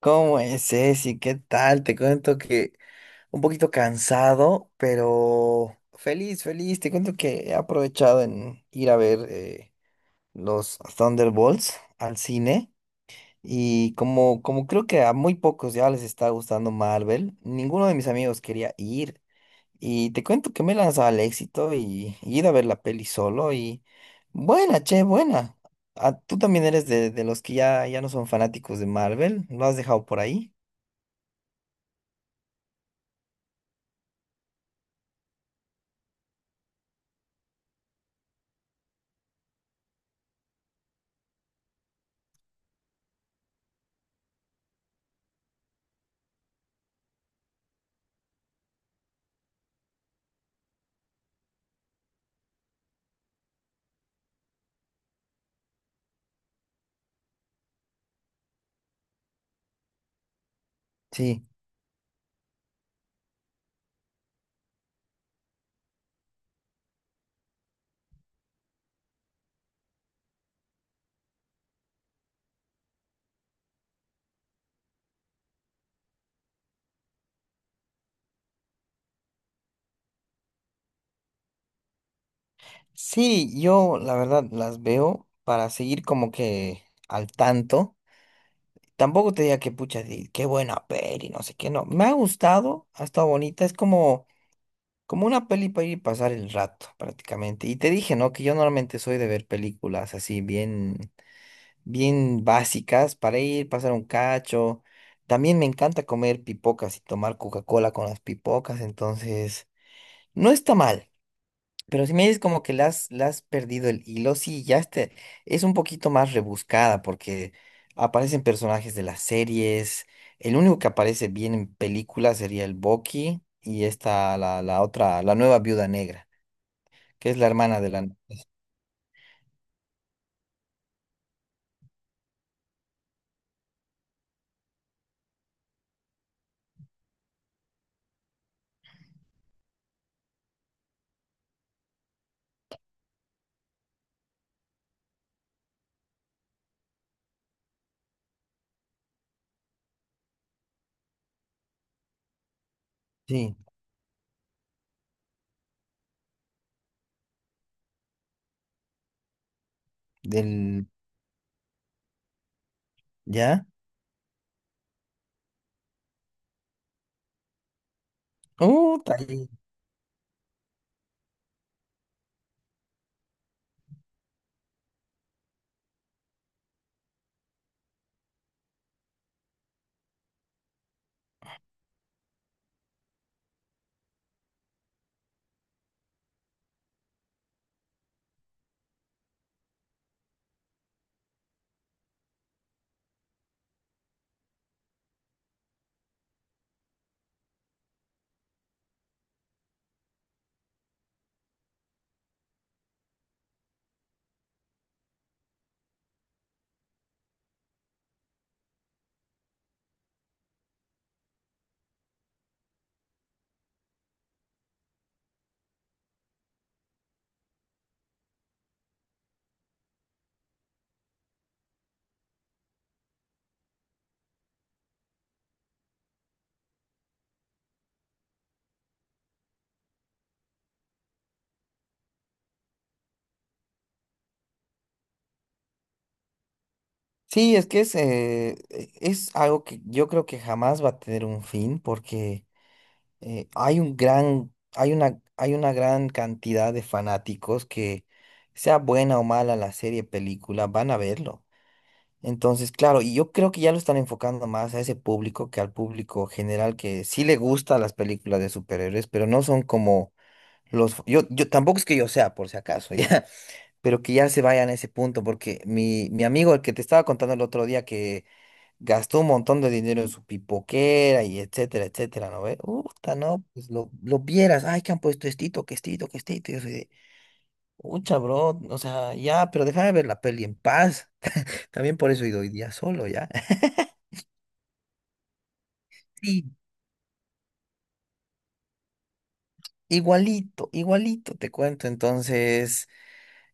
¿Cómo es, Ceci? ¿Qué tal? Te cuento que un poquito cansado, pero feliz, feliz. Te cuento que he aprovechado en ir a ver los Thunderbolts al cine y como creo que a muy pocos ya les está gustando Marvel, ninguno de mis amigos quería ir, y te cuento que me he lanzado al éxito y, ir a ver la peli solo y buena, che, buena. Ah, ¿tú también eres de los que ya, ya no son fanáticos de Marvel? ¿Lo has dejado por ahí? Sí, sí, yo la verdad las veo para seguir como que al tanto. Tampoco te diga que pucha, qué buena peli, no sé qué, no. Me ha gustado, ha estado bonita, es como, como una peli para ir y pasar el rato prácticamente. Y te dije, ¿no? Que yo normalmente soy de ver películas así bien, bien básicas para ir, pasar un cacho. También me encanta comer pipocas y tomar Coca-Cola con las pipocas, entonces no está mal. Pero si me dices como que le has perdido el hilo, sí, ya este es un poquito más rebuscada porque aparecen personajes de las series. El único que aparece bien en películas sería el Bucky y esta, la otra, la nueva viuda negra, que es la hermana de la... Sí, del... ¿Ya? Uh, sí, es que es, es algo que yo creo que jamás va a tener un fin porque... hay un gran, hay una gran cantidad de fanáticos que, sea buena o mala la serie, película, van a verlo. Entonces, claro, y yo creo que ya lo están enfocando más a ese público que al público general que sí le gustan las películas de superhéroes, pero no son como los... Yo tampoco es que yo sea, por si acaso, ya, pero que ya se vayan a ese punto, porque mi amigo, el que te estaba contando el otro día que gastó un montón de dinero en su pipoquera y etcétera, etcétera, ¿no ve? Uta, no, pues lo vieras, ay, que han puesto estito, que estito, que estito. Y yo soy de, ucha, bro, o sea, ya, pero déjame ver la peli en paz. También por eso he ido hoy día solo, ¿ya? Sí, igualito, igualito, te cuento. Entonces,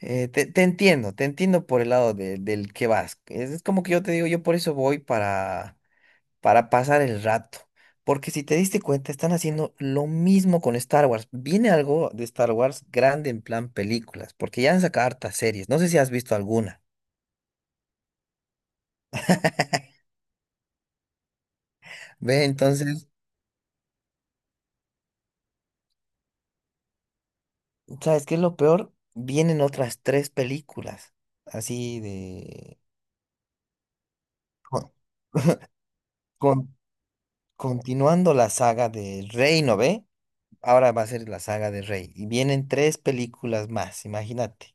te, te entiendo por el lado del que vas. Es como que yo te digo, yo por eso voy para. Para pasar el rato. Porque si te diste cuenta, están haciendo lo mismo con Star Wars. Viene algo de Star Wars grande en plan películas, porque ya han sacado hartas series. No sé si has visto alguna. Ve, entonces, ¿sabes qué es lo peor? Vienen otras tres películas, así de... con- con- continuando la saga de Rey, ¿no ve? Ahora va a ser la saga de Rey. Y vienen tres películas más, imagínate.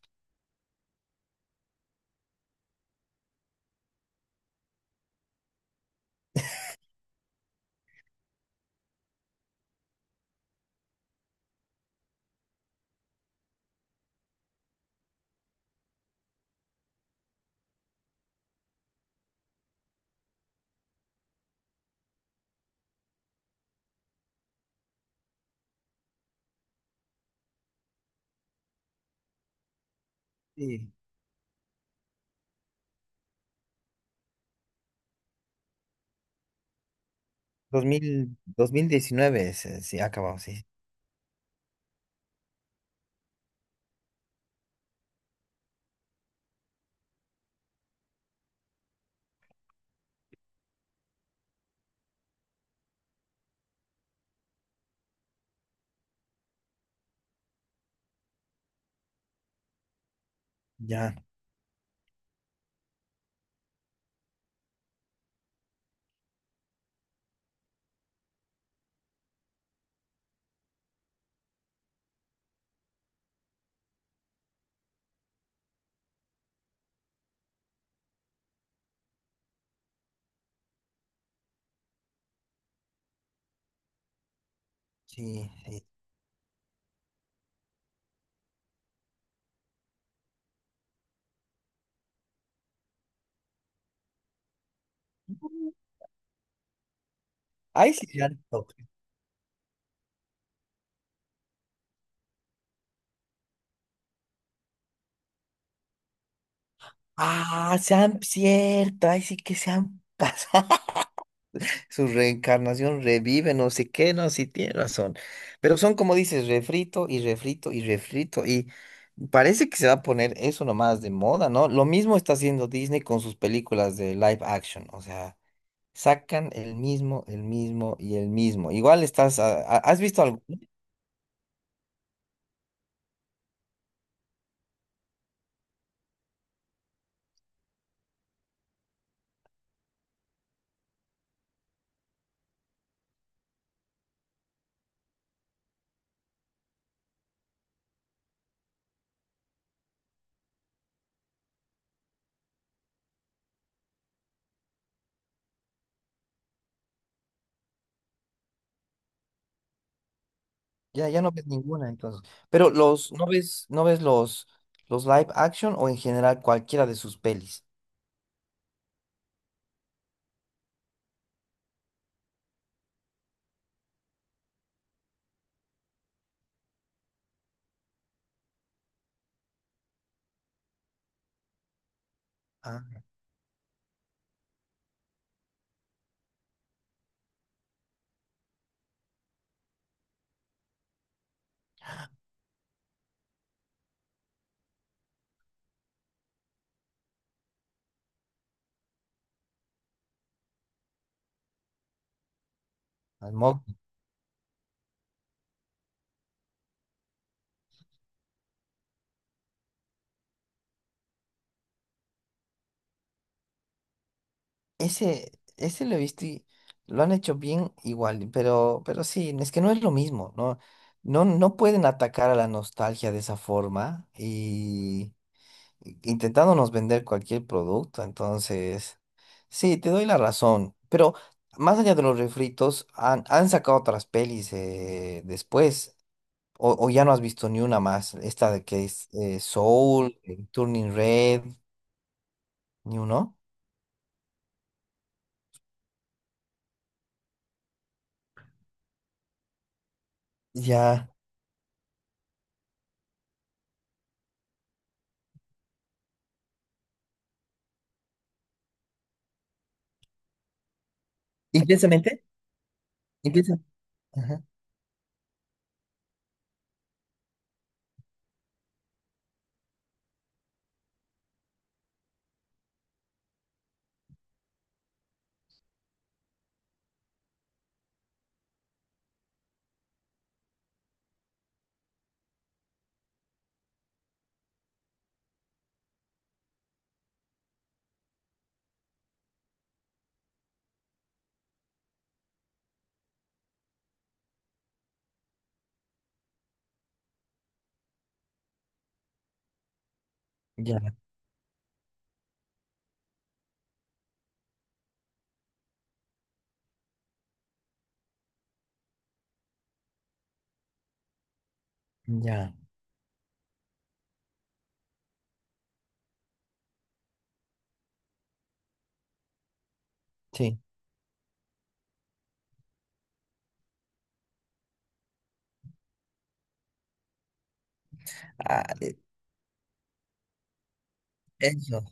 Sí. 2000, 2019 se, se acabó, sí. Ya. Sí, sí. Ay, sí, se han. Ah, sean cierto. Ay, sí que se han pasado. Su reencarnación revive, no sé qué, no, sí tiene razón. Pero son como dices, refrito y refrito y refrito. Y parece que se va a poner eso nomás de moda, ¿no? Lo mismo está haciendo Disney con sus películas de live action. O sea, sacan el mismo y el mismo. Igual estás. ¿Has visto algo? Ya, ya no ves ninguna entonces. Pero los, ¿no ves, no ves los live action o en general cualquiera de sus pelis? Ah, al Mogli. Ese lo he visto y lo han hecho bien igual, pero sí, es que no es lo mismo, ¿no? No, no pueden atacar a la nostalgia de esa forma intentándonos vender cualquier producto. Entonces, sí, te doy la razón. Pero más allá de los refritos, han, han sacado otras pelis después. O ya no has visto ni una más. Esta de que es Soul, Turning Red, ni uno. Ya. Intensamente. Intensa. Ajá. Ya, ya. Sí. Ah, e- eso.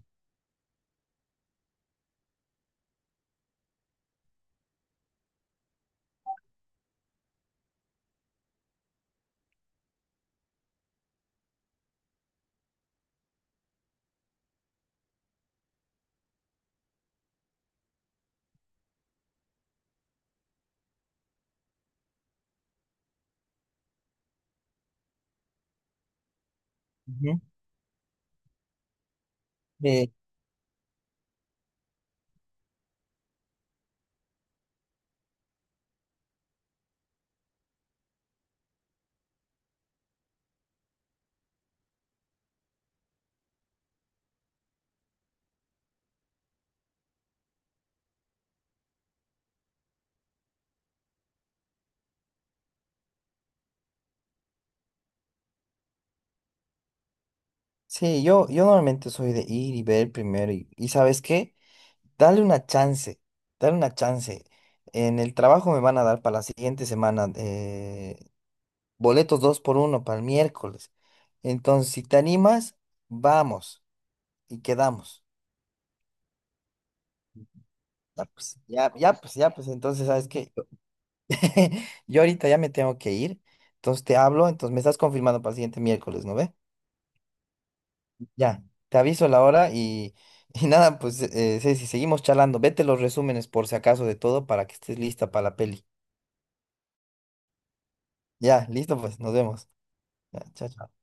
Ujú. Eh, sí, yo normalmente soy de ir y ver primero. Y ¿sabes qué? Dale una chance, dale una chance. En el trabajo me van a dar para la siguiente semana boletos 2x1 para el miércoles. Entonces, si te animas, vamos y quedamos. Ya pues, ya pues. Entonces, ¿sabes qué? Yo ahorita ya me tengo que ir. Entonces te hablo, entonces me estás confirmando para el siguiente miércoles, ¿no ve? Ya, te aviso la hora y, y nada, pues Ceci, seguimos charlando. Vete los resúmenes por si acaso de todo para que estés lista para la peli. Ya, listo pues, nos vemos. Ya, chao, chao.